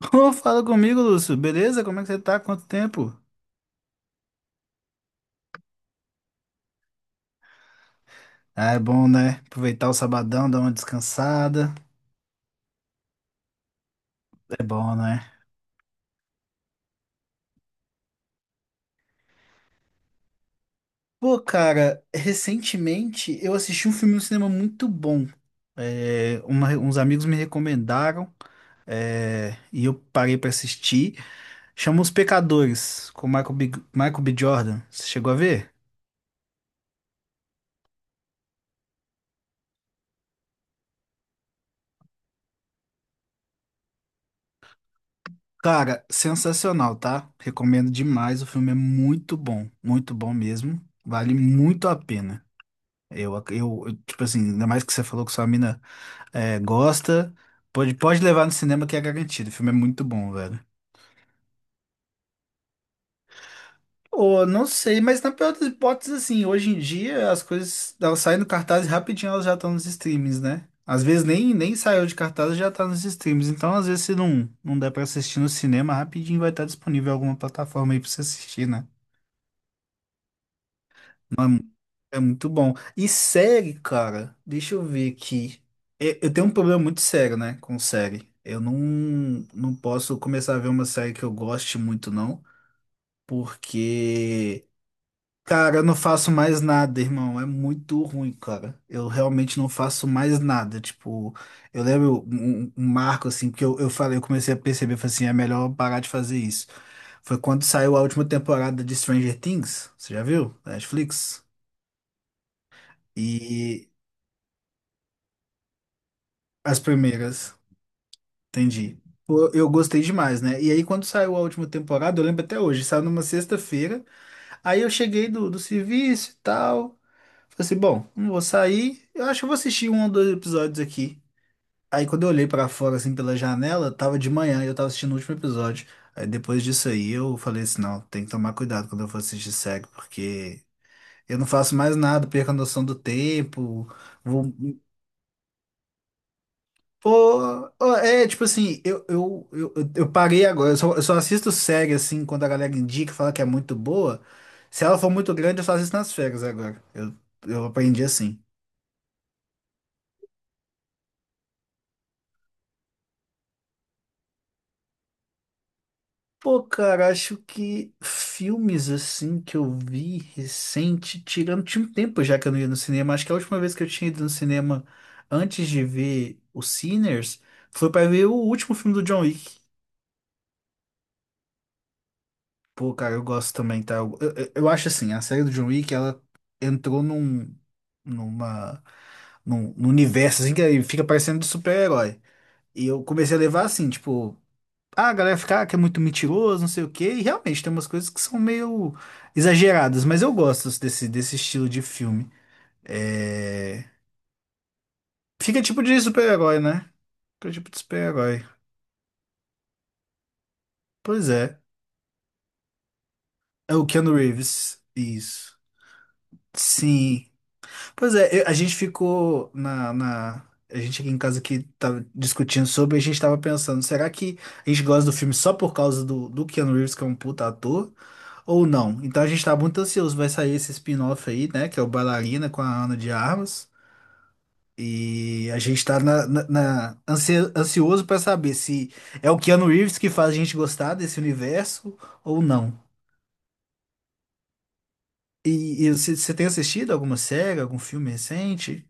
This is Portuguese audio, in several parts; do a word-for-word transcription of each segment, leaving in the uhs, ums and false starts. Ô, fala comigo, Lúcio. Beleza? Como é que você tá? Quanto tempo? Ah, é bom, né? Aproveitar o sabadão, dar uma descansada. É bom, né? Pô, cara, recentemente eu assisti um filme no cinema muito bom. É, uma- uns amigos me recomendaram, é, e eu parei pra assistir. Chama Os Pecadores, com Michael B, Michael B. Jordan. Você chegou a ver? Cara, sensacional, tá? Recomendo demais. O filme é muito bom, muito bom mesmo. Vale muito a pena. Eu, ac- eu, eu, tipo assim, ainda mais que você falou que sua mina é, gosta, pode, pode levar no cinema que é garantido. O filme é muito bom, velho. Pô, não sei, mas na pior das hipóteses, assim, hoje em dia as coisas, elas saem do cartaz e rapidinho elas já estão nos streams, né? Às vezes nem, nem saiu de cartaz e já tá nos streams. Então, às vezes, se não, não der pra assistir no cinema, rapidinho vai estar disponível em alguma plataforma aí pra você assistir, né? É muito bom. E série, cara, deixa eu ver aqui. Eu eu tenho um problema muito sério, né, com série. Eu não, Não posso começar a ver uma série que eu goste muito, não, porque, cara, eu não faço mais nada, irmão. É muito ruim, cara. Eu realmente não faço mais nada. Tipo, eu lembro um, um um marco, assim, que eu, eu falei, eu comecei a perceber, eu falei assim, é melhor eu parar de fazer isso. Foi quando saiu a última temporada de Stranger Things, você já viu? Da Netflix. E As primeiras, entendi. Pô, eu gostei demais, né? E aí, quando saiu a última temporada, eu lembro até hoje, saiu numa sexta-feira. Aí eu cheguei do, do serviço e tal. Falei assim: bom, não vou sair. Eu acho que eu vou assistir um ou dois episódios aqui. Aí, quando eu olhei pra fora, assim, pela janela, tava de manhã e eu tava assistindo o último episódio. Aí, depois disso aí, eu falei assim: não, tem que tomar cuidado quando eu for assistir série, porque eu não faço mais nada, perco a noção do tempo. Vou Pô, ó, é, tipo assim, eu, eu, eu, eu eu parei agora. Eu só, eu só assisto série, assim, quando a galera indica, fala que é muito boa. Se ela for muito grande, eu só assisto nas férias agora. Eu, eu aprendi assim. Pô, cara, acho que filmes, assim, que eu vi recente, tirando, tinha um tempo já que eu não ia no cinema. Acho que a última vez que eu tinha ido no cinema antes de ver o Sinners foi pra ver o último filme do John Wick. Pô, cara, eu gosto também, tá? Eu, eu, eu acho assim, a série do John Wick, ela entrou num, numa, num, num universo, assim, que aí fica parecendo de super-herói. E eu comecei a levar assim, tipo, ah, a galera fica ah, que é muito mentiroso, não sei o quê, e realmente tem umas coisas que são meio exageradas, mas eu gosto desse, desse estilo de filme. É... Fica tipo de super-herói, né? Fica tipo de super-herói. Pois é. É o Keanu Reeves, isso. Sim. Pois é, eu- a gente ficou na, na. A gente aqui em casa que tava discutindo sobre, a gente tava pensando, será que a gente gosta do filme só por causa do, do Keanu Reeves, que é um puta ator, ou não? Então a gente tá muito ansioso, vai sair esse spin-off aí, né, que é o Bailarina com a Ana de Armas, e a gente tá na, na, na- ansia- ansioso pra saber se é o Keanu Reeves que faz a gente gostar desse universo ou não. E e você você tem assistido alguma série, algum filme recente?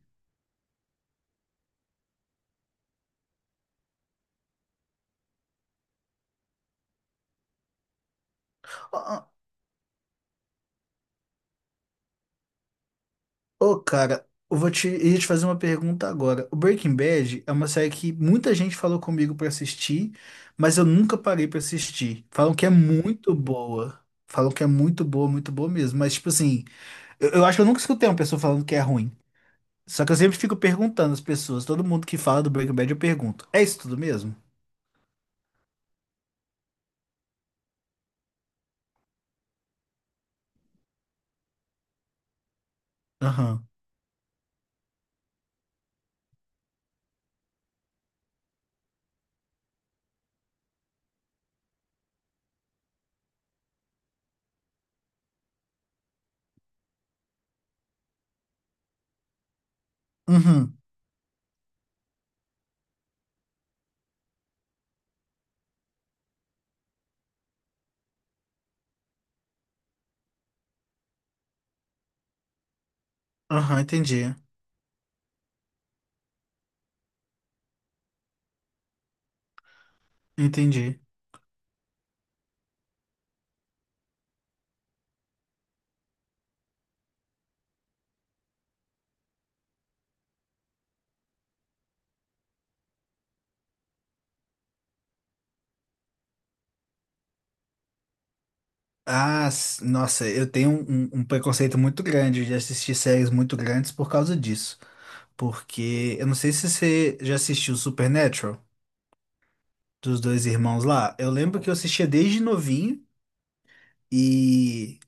Ô, cara, eu vou te, ia te fazer uma pergunta agora. O Breaking Bad é uma série que muita gente falou comigo pra assistir, mas eu nunca parei pra assistir. Falam que é muito boa. Falam que é muito boa, muito boa mesmo. Mas, tipo assim, eu, eu acho que eu nunca escutei uma pessoa falando que é ruim. Só que eu sempre fico perguntando às pessoas. Todo mundo que fala do Breaking Bad, eu pergunto: é isso tudo mesmo? Aham. Uhum. Aham, entendi. Entendi. Ah, s- nossa, eu tenho um, um um preconceito muito grande de assistir séries muito grandes por causa disso. Porque eu não sei se você já assistiu Supernatural dos dois irmãos lá. Eu lembro que eu assistia desde novinho e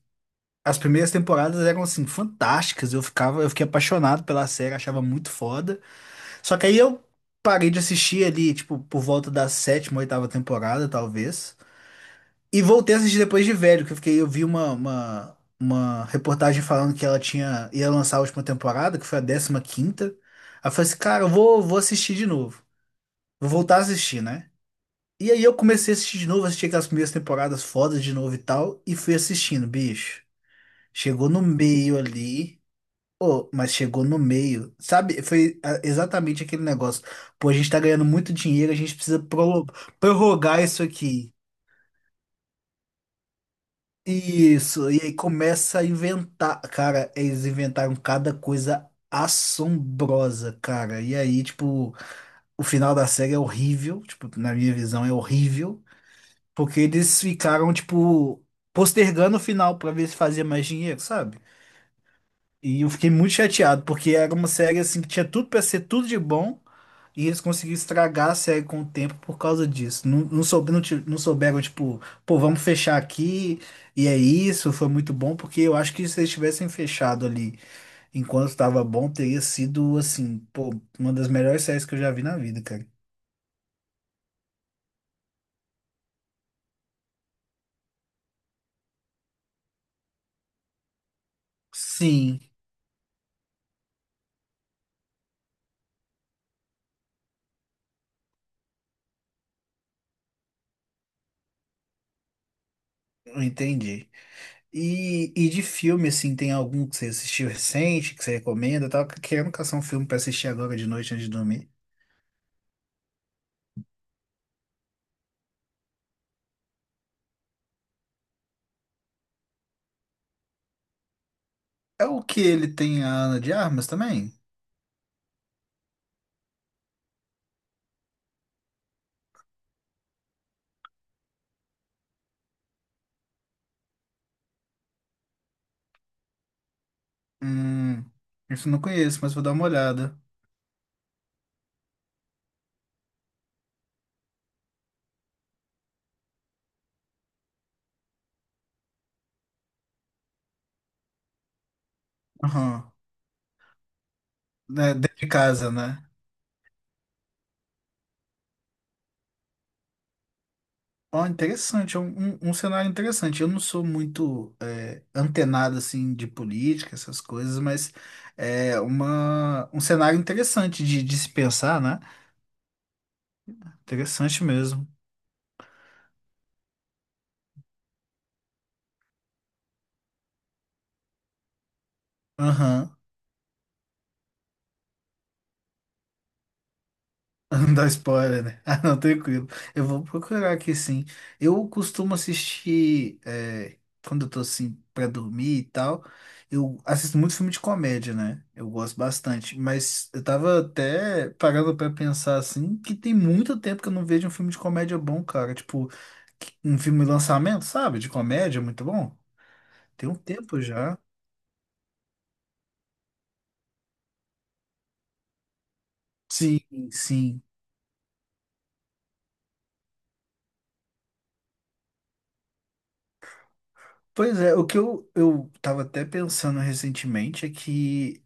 as primeiras temporadas eram assim fantásticas. Eu ficava, eu fiquei apaixonado pela série, achava muito foda. Só que aí eu parei de assistir ali, tipo, por volta da sétima, oitava temporada, talvez. E voltei a assistir depois de velho, que eu fiquei, eu vi uma, uma, uma reportagem falando que ela tinha ia lançar a última temporada, que foi a décima quinta. Aí eu falei assim, cara, eu vou, vou assistir de novo. Vou voltar a assistir, né? E aí eu comecei a assistir de novo, assisti aquelas primeiras temporadas fodas de novo e tal, e fui assistindo, bicho. Chegou no meio ali. Ô, mas chegou no meio. Sabe, foi ah, exatamente aquele negócio. Pô, a gente tá ganhando muito dinheiro, a gente precisa prolo- prorrogar isso aqui. Isso, e aí começa a inventar. Cara, eles inventaram cada coisa assombrosa, cara. E aí, tipo, o final da série é horrível. Tipo, na minha visão, é horrível. Porque eles ficaram, tipo, postergando o final pra ver se fazia mais dinheiro, sabe? E eu fiquei muito chateado, porque era uma série, assim, que tinha tudo pra ser tudo de bom, e eles conseguiram estragar a série com o tempo por causa disso. Não, não, soube, não, ti- não souberam, tipo, pô, vamos fechar aqui, e é isso, foi muito bom, porque eu acho que se eles tivessem fechado ali enquanto estava bom, teria sido, assim, pô, uma das melhores séries que eu já vi na vida, cara. Sim, eu entendi. E, e de filme, assim, tem algum que você assistiu recente, que você recomenda? Eu tava querendo caçar um filme pra assistir agora de noite antes de dormir. É o que ele tem a Ana de Armas também? Hum, isso eu não conheço, mas vou dar uma olhada. Aham. Né, dentro de casa, né? Ó, interessante, é um, um, um cenário interessante. Eu não sou muito é, antenado, assim, de política, essas coisas, mas é uma, um cenário interessante de, de se pensar, né? Interessante mesmo. Aham. Não dá spoiler, né? Ah, não, tranquilo. Eu vou procurar aqui sim. Eu costumo assistir, é, quando eu tô assim, pra dormir e tal, eu assisto muito filme de comédia, né? Eu gosto bastante. Mas eu tava até parando pra pensar assim, que tem muito tempo que eu não vejo um filme de comédia bom, cara. Tipo, que- um filme de lançamento, sabe? De comédia, muito bom. Tem um tempo já. Sim, sim. Pois é, o que eu, eu tava até pensando recentemente é que.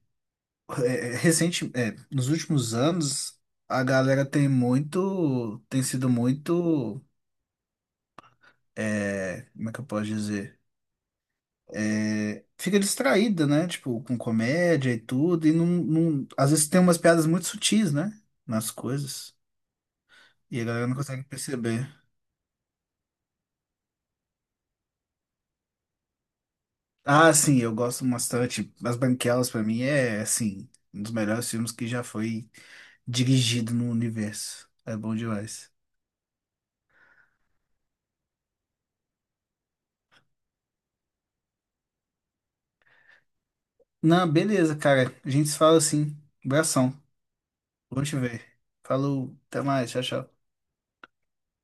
É, é, recente, é, nos últimos anos, a galera tem muito, tem sido muito, é, como é que eu posso dizer? É, fica distraída, né? Tipo, com comédia e tudo, e não, não- às vezes tem umas piadas muito sutis, né? Nas coisas, e a galera não consegue perceber. Ah, sim, eu gosto bastante. As Branquelas, pra mim, é, assim, um dos melhores filmes que já foi dirigido no universo. É bom demais. Não, beleza, cara. A gente se fala assim. Abração. Bom te ver. Falou, até mais, tchau, tchau.